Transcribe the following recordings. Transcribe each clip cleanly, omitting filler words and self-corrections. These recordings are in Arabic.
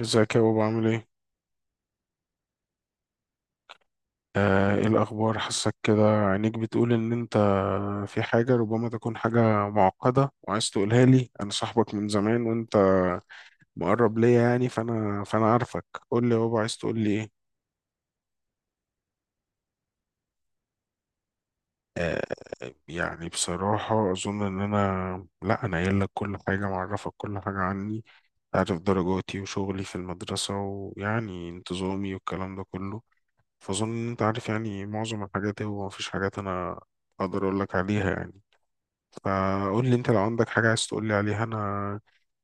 ازيك يا بابا، عامل ايه؟ ايه الأخبار؟ حاسك كده عينيك بتقول إن أنت في حاجة ربما تكون حاجة معقدة وعايز تقولها لي، أنا صاحبك من زمان وأنت مقرب ليا يعني، فأنا عارفك. قول لي يا بابا، عايز تقول لي ايه؟ آه يعني بصراحة أظن إن أنا. لا، أنا قايل لك كل حاجة، معرفك كل حاجة عني، عارف درجاتي وشغلي في المدرسة، ويعني انتظامي والكلام ده كله، فأظن إن أنت عارف يعني معظم الحاجات، هو مفيش حاجات أنا أقدر أقول لك عليها يعني. فقول لي انت لو عندك حاجة عايز تقول لي عليها، انا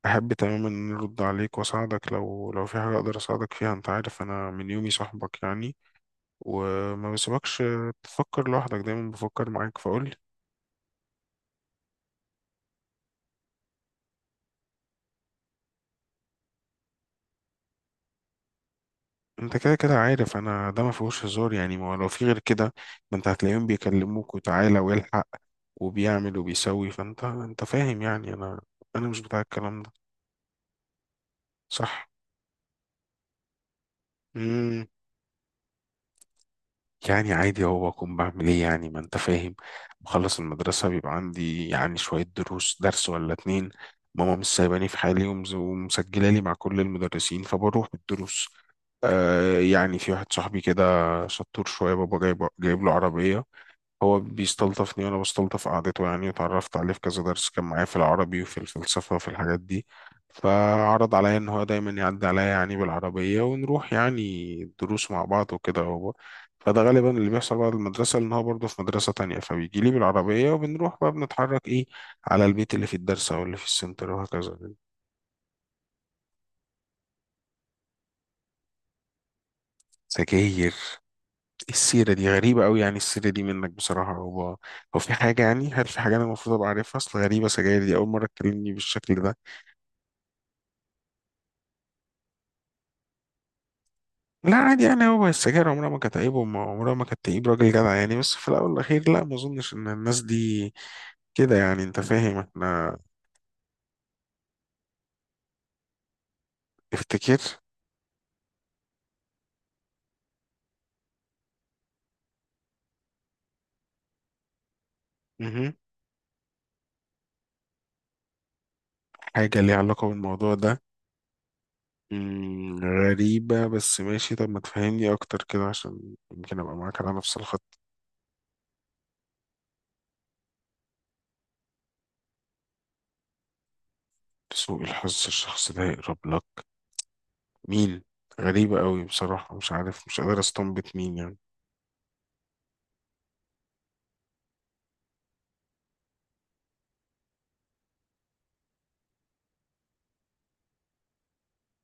احب تماما ان أنا ارد عليك واساعدك لو في حاجة اقدر اساعدك فيها. انت عارف انا من يومي صاحبك يعني، وما بسيبكش تفكر لوحدك، دايما بفكر معاك، فقول لي. انت كده كده عارف انا، ده ما فيهوش هزار يعني، ما هو لو في غير كده ما انت هتلاقيهم بيكلموك وتعالى والحق وبيعمل وبيسوي، فانت فاهم يعني، انا مش بتاع الكلام ده. صح. يعني عادي، هو اكون بعمل ايه يعني، ما انت فاهم. بخلص المدرسة بيبقى عندي يعني شوية دروس، درس ولا اتنين. ماما مش سايباني في حالي ومسجلة لي مع كل المدرسين، فبروح بالدروس. آه يعني في واحد صاحبي كده، شطور شوية، بابا جايب له عربية. هو بيستلطفني وانا بستلطف قعدته يعني، وتعرفت عليه في كذا درس، كان معايا في العربي وفي الفلسفة وفي الحاجات دي، فعرض عليا ان هو دايما يعدي عليا يعني بالعربية ونروح يعني دروس مع بعض وكده هو. فده غالبا اللي بيحصل بعد المدرسة، لان هو برضه في مدرسة تانية، فبيجي لي بالعربية وبنروح بقى، بنتحرك ايه على البيت اللي في الدرس او اللي في السنتر، وهكذا. سجاير؟ السيرة دي غريبة أوي، يعني السيرة دي منك بصراحة. هو في حاجة يعني، هل في حاجة أنا المفروض أبقى عارفها؟ أصل غريبة، سجاير دي أول مرة تكلمني بالشكل ده. لا عادي يعني، هو السجاير عمرها ما كانت عيب وعمرها ما كانت تعيب راجل جدع يعني، بس في الأول والأخير، لا ما أظنش إن الناس دي كده يعني، أنت فاهم إحنا. افتكر. مهم. حاجة ليها علاقة بالموضوع ده؟ مم، غريبة، بس ماشي، طب ما تفهمني أكتر كده عشان يمكن أبقى معاك على نفس الخط. سوء الحظ الشخص ده يقرب لك؟ مين؟ غريبة قوي بصراحة، مش عارف، مش قادر استنبط مين يعني.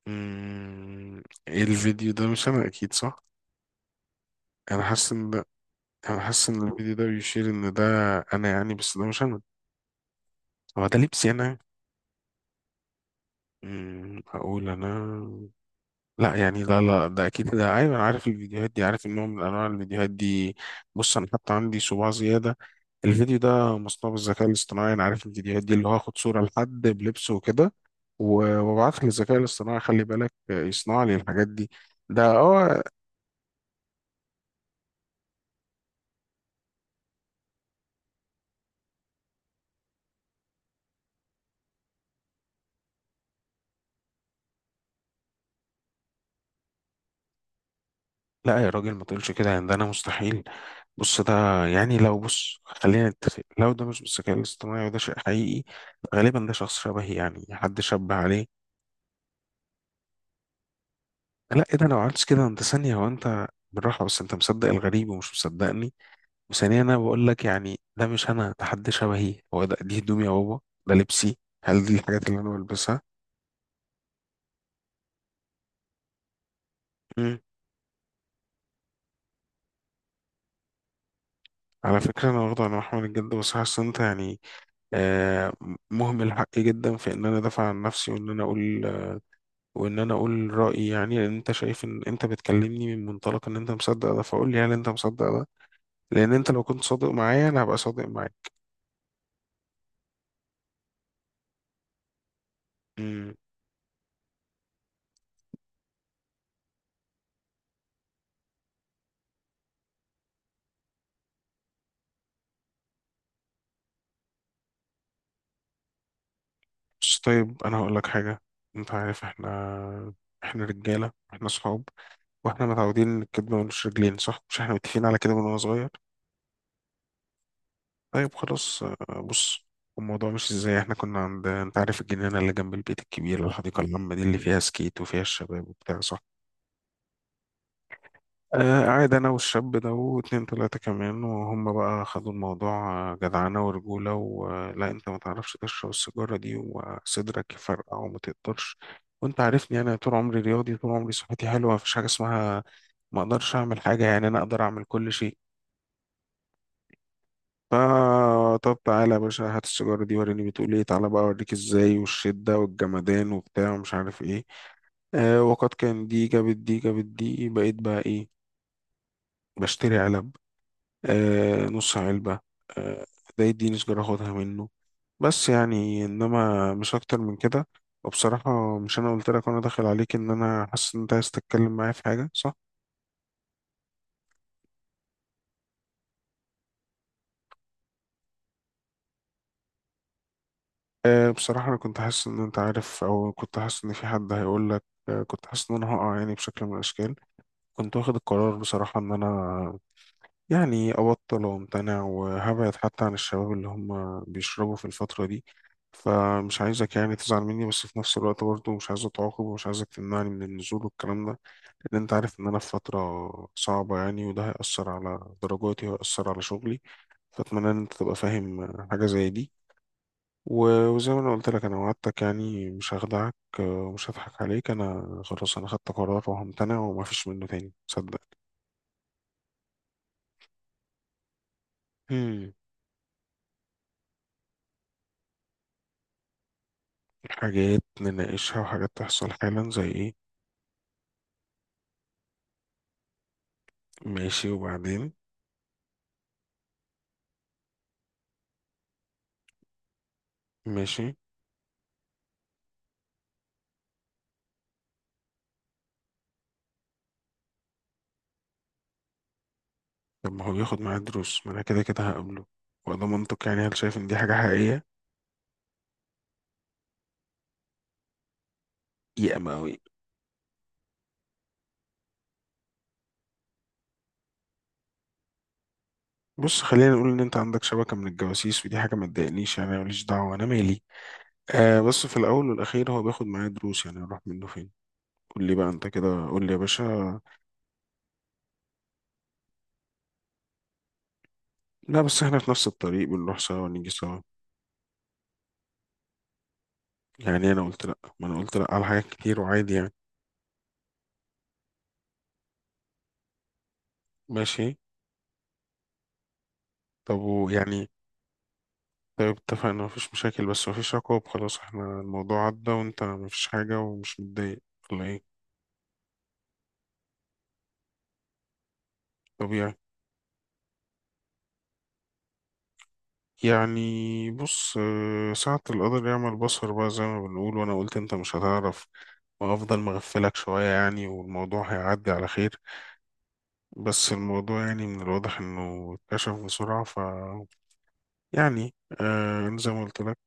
مم، ايه الفيديو ده؟ مش أنا أكيد، صح؟ أنا حاسس إن انا حاسس ان الفيديو ده بيشير ان ده انا يعني، بس ده مش انا. هو ده لبسي انا؟ هقول انا؟ لا يعني، لا لا ده اكيد، ده ايوه، انا عارف الفيديوهات دي، عارف النوع من انواع الفيديوهات دي. بص، انا حتى عندي صباع زياده. الفيديو ده مصنوع بالذكاء الاصطناعي، انا عارف الفيديوهات دي، اللي هو اخد صوره لحد بلبسه وكده، وابعتها للذكاء الاصطناعي، خلي بالك، يصنع لي الحاجات دي. ده اه. لا يا راجل، ما تقولش كده يعني، ده انا مستحيل. بص ده، يعني لو بص، خلينا نتفق، لو ده مش بالذكاء الاصطناعي وده شيء حقيقي، غالبا ده شخص شبهي يعني، حد شبه عليه. لا ايه ده، لو عملت كده انت؟ ثانية، هو انت بالراحة، بس انت مصدق الغريب ومش مصدقني. وثانيا انا بقول لك يعني ده مش انا، ده حد شبهي. هو ده، دي هدومي يا بابا؟ ده لبسي؟ هل دي الحاجات اللي انا بلبسها؟ مم. على فكرة أنا واخده، أنا محمد الجد، بس حاسس إن أنت يعني آه مهمل حقي جدا في إن أنا أدافع عن نفسي وإن أنا أقول، وان انا اقول رايي يعني، لان انت شايف ان انت بتكلمني من منطلق ان انت مصدق ده، فاقول لي هل انت مصدق ده؟ لان انت لو كنت صادق معايا انا هبقى صادق معاك. امم. بس طيب انا هقول لك حاجه. انت عارف احنا، احنا رجاله، احنا صحاب، واحنا متعودين ان الكدب ملوش رجلين، صح؟ مش احنا متفقين على كده من وانا صغير. طيب خلاص، بص. الموضوع مش ازاي. احنا كنا عند، انت عارف، الجنينه اللي جنب البيت الكبير، الحديقه العامه دي اللي فيها سكيت وفيها الشباب وبتاع، صح؟ قاعد أنا والشاب ده واتنين تلاتة كمان، وهم بقى خدوا الموضوع جدعنة ورجولة، ولا أنت ما تعرفش تشرب السيجارة دي وصدرك يفرقع وما تقدرش، وأنت عارفني أنا طول عمري رياضي، طول عمري صحتي حلوة، مفيش حاجة اسمها ما أقدرش أعمل حاجة يعني، أنا أقدر أعمل كل شيء. فا طب تعالى يا باشا، هات السيجارة دي وريني بتقول إيه، تعالى بقى أوريك إزاي، والشدة والجمدان وبتاع ومش عارف إيه. وقد كان، دي بقيت بقى إيه، بشتري علب. نص علبة. آه ده يديني سجارة اخدها منه، بس يعني انما مش اكتر من كده. وبصراحة مش انا قلت لك وانا داخل عليك ان انا حاسس ان انت عايز تتكلم معايا في حاجة، صح؟ بصراحة انا كنت حاسس ان انت عارف، او كنت حاسس ان في حد هيقول لك، كنت حاسس ان انا هقع يعني بشكل من الاشكال. كنت واخد القرار بصراحة ان انا يعني أبطل وأمتنع، وهبعد حتى عن الشباب اللي هم بيشربوا في الفترة دي. فمش عايزك يعني تزعل مني، بس في نفس الوقت برضه مش عايزك تعاقب، ومش عايزك تمنعني من النزول والكلام ده، لأن أنت عارف إن أنا في فترة صعبة يعني، وده هيأثر على درجاتي وهيأثر على شغلي، فأتمنى إن أنت تبقى فاهم حاجة زي دي، وزي ما أنا قلت لك أنا وعدتك يعني مش هخدعك ومش هضحك عليك، أنا خلاص أنا خدت قرار وهمتنع، ومفيش منه تاني صدق. حاجات نناقشها وحاجات تحصل حالا زي ايه؟ ماشي وبعدين؟ ماشي. طب ما هو بياخد معاه دروس، ما انا كده كده هقابله، وده منطق يعني، هل شايف ان دي حاجة حقيقية؟ يا مقاوي. بص خلينا نقول ان انت عندك شبكة من الجواسيس، ودي حاجة ما تضايقنيش يعني، أنا ماليش دعوة، انا مالي، بس في الاول والاخير هو بياخد معاه دروس، يعني اروح منه فين؟ قول لي بقى انت كده، قول لي يا باشا. لا بس احنا في نفس الطريق، بنروح سوا ونيجي سوا. يعني انا قلت لا، ما انا قلت لا على حاجات كتير وعادي يعني. ماشي. طب ويعني. طيب اتفقنا، مفيش مشاكل، بس مفيش عقاب؟ خلاص احنا الموضوع عدى وانت مفيش حاجة ومش متضايق ولا ايه؟ طبيعي. يعني بص، ساعة القدر يعمل بصر بقى زي ما بنقول، وانا قلت انت مش هتعرف، وافضل مغفلك شوية يعني، والموضوع هيعدي على خير. بس الموضوع يعني من الواضح انه اتكشف بسرعة، ف، يعني، أنا زي ما قلت لك،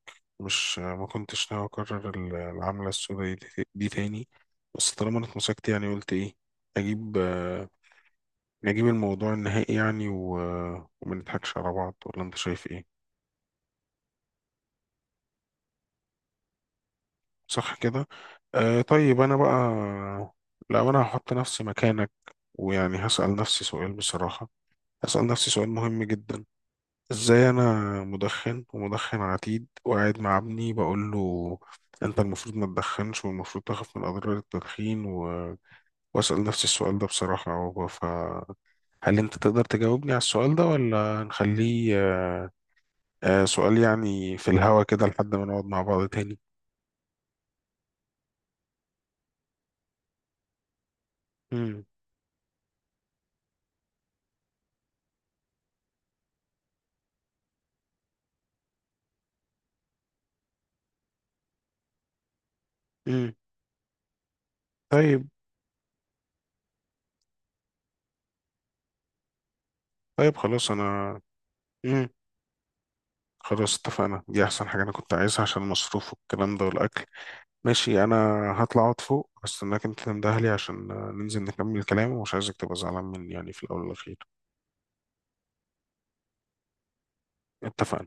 مش ما كنتش ناوي اكرر العملة السوداء دي تاني. بس طالما انا اتمسكت يعني، قلت ايه، اجيب آه، نجيب الموضوع النهائي يعني و، وما نضحكش على بعض ولا انت شايف ايه؟ صح كده. طيب انا بقى، لو انا هحط نفسي مكانك ويعني هسأل نفسي سؤال بصراحة، هسأل نفسي سؤال مهم جدا، ازاي انا مدخن ومدخن عتيد وقاعد مع ابني بقول له انت المفروض ما تدخنش والمفروض تخاف من اضرار التدخين، و... واسأل نفسي السؤال ده بصراحة، فهل انت تقدر تجاوبني على السؤال ده ولا نخليه سؤال يعني في الهوا كده لحد ما نقعد مع بعض تاني؟ امم امم. طيب. طيب خلاص أنا. امم. خلاص اتفقنا، دي أحسن حاجة أنا كنت عايزها عشان المصروف والكلام ده والأكل. ماشي، أنا هطلع أقعد فوق، هستناك أنت تنده لي عشان، ننزل نكمل الكلام، ومش عايزك تبقى زعلان مني يعني في الأول والأخير. اتفقنا.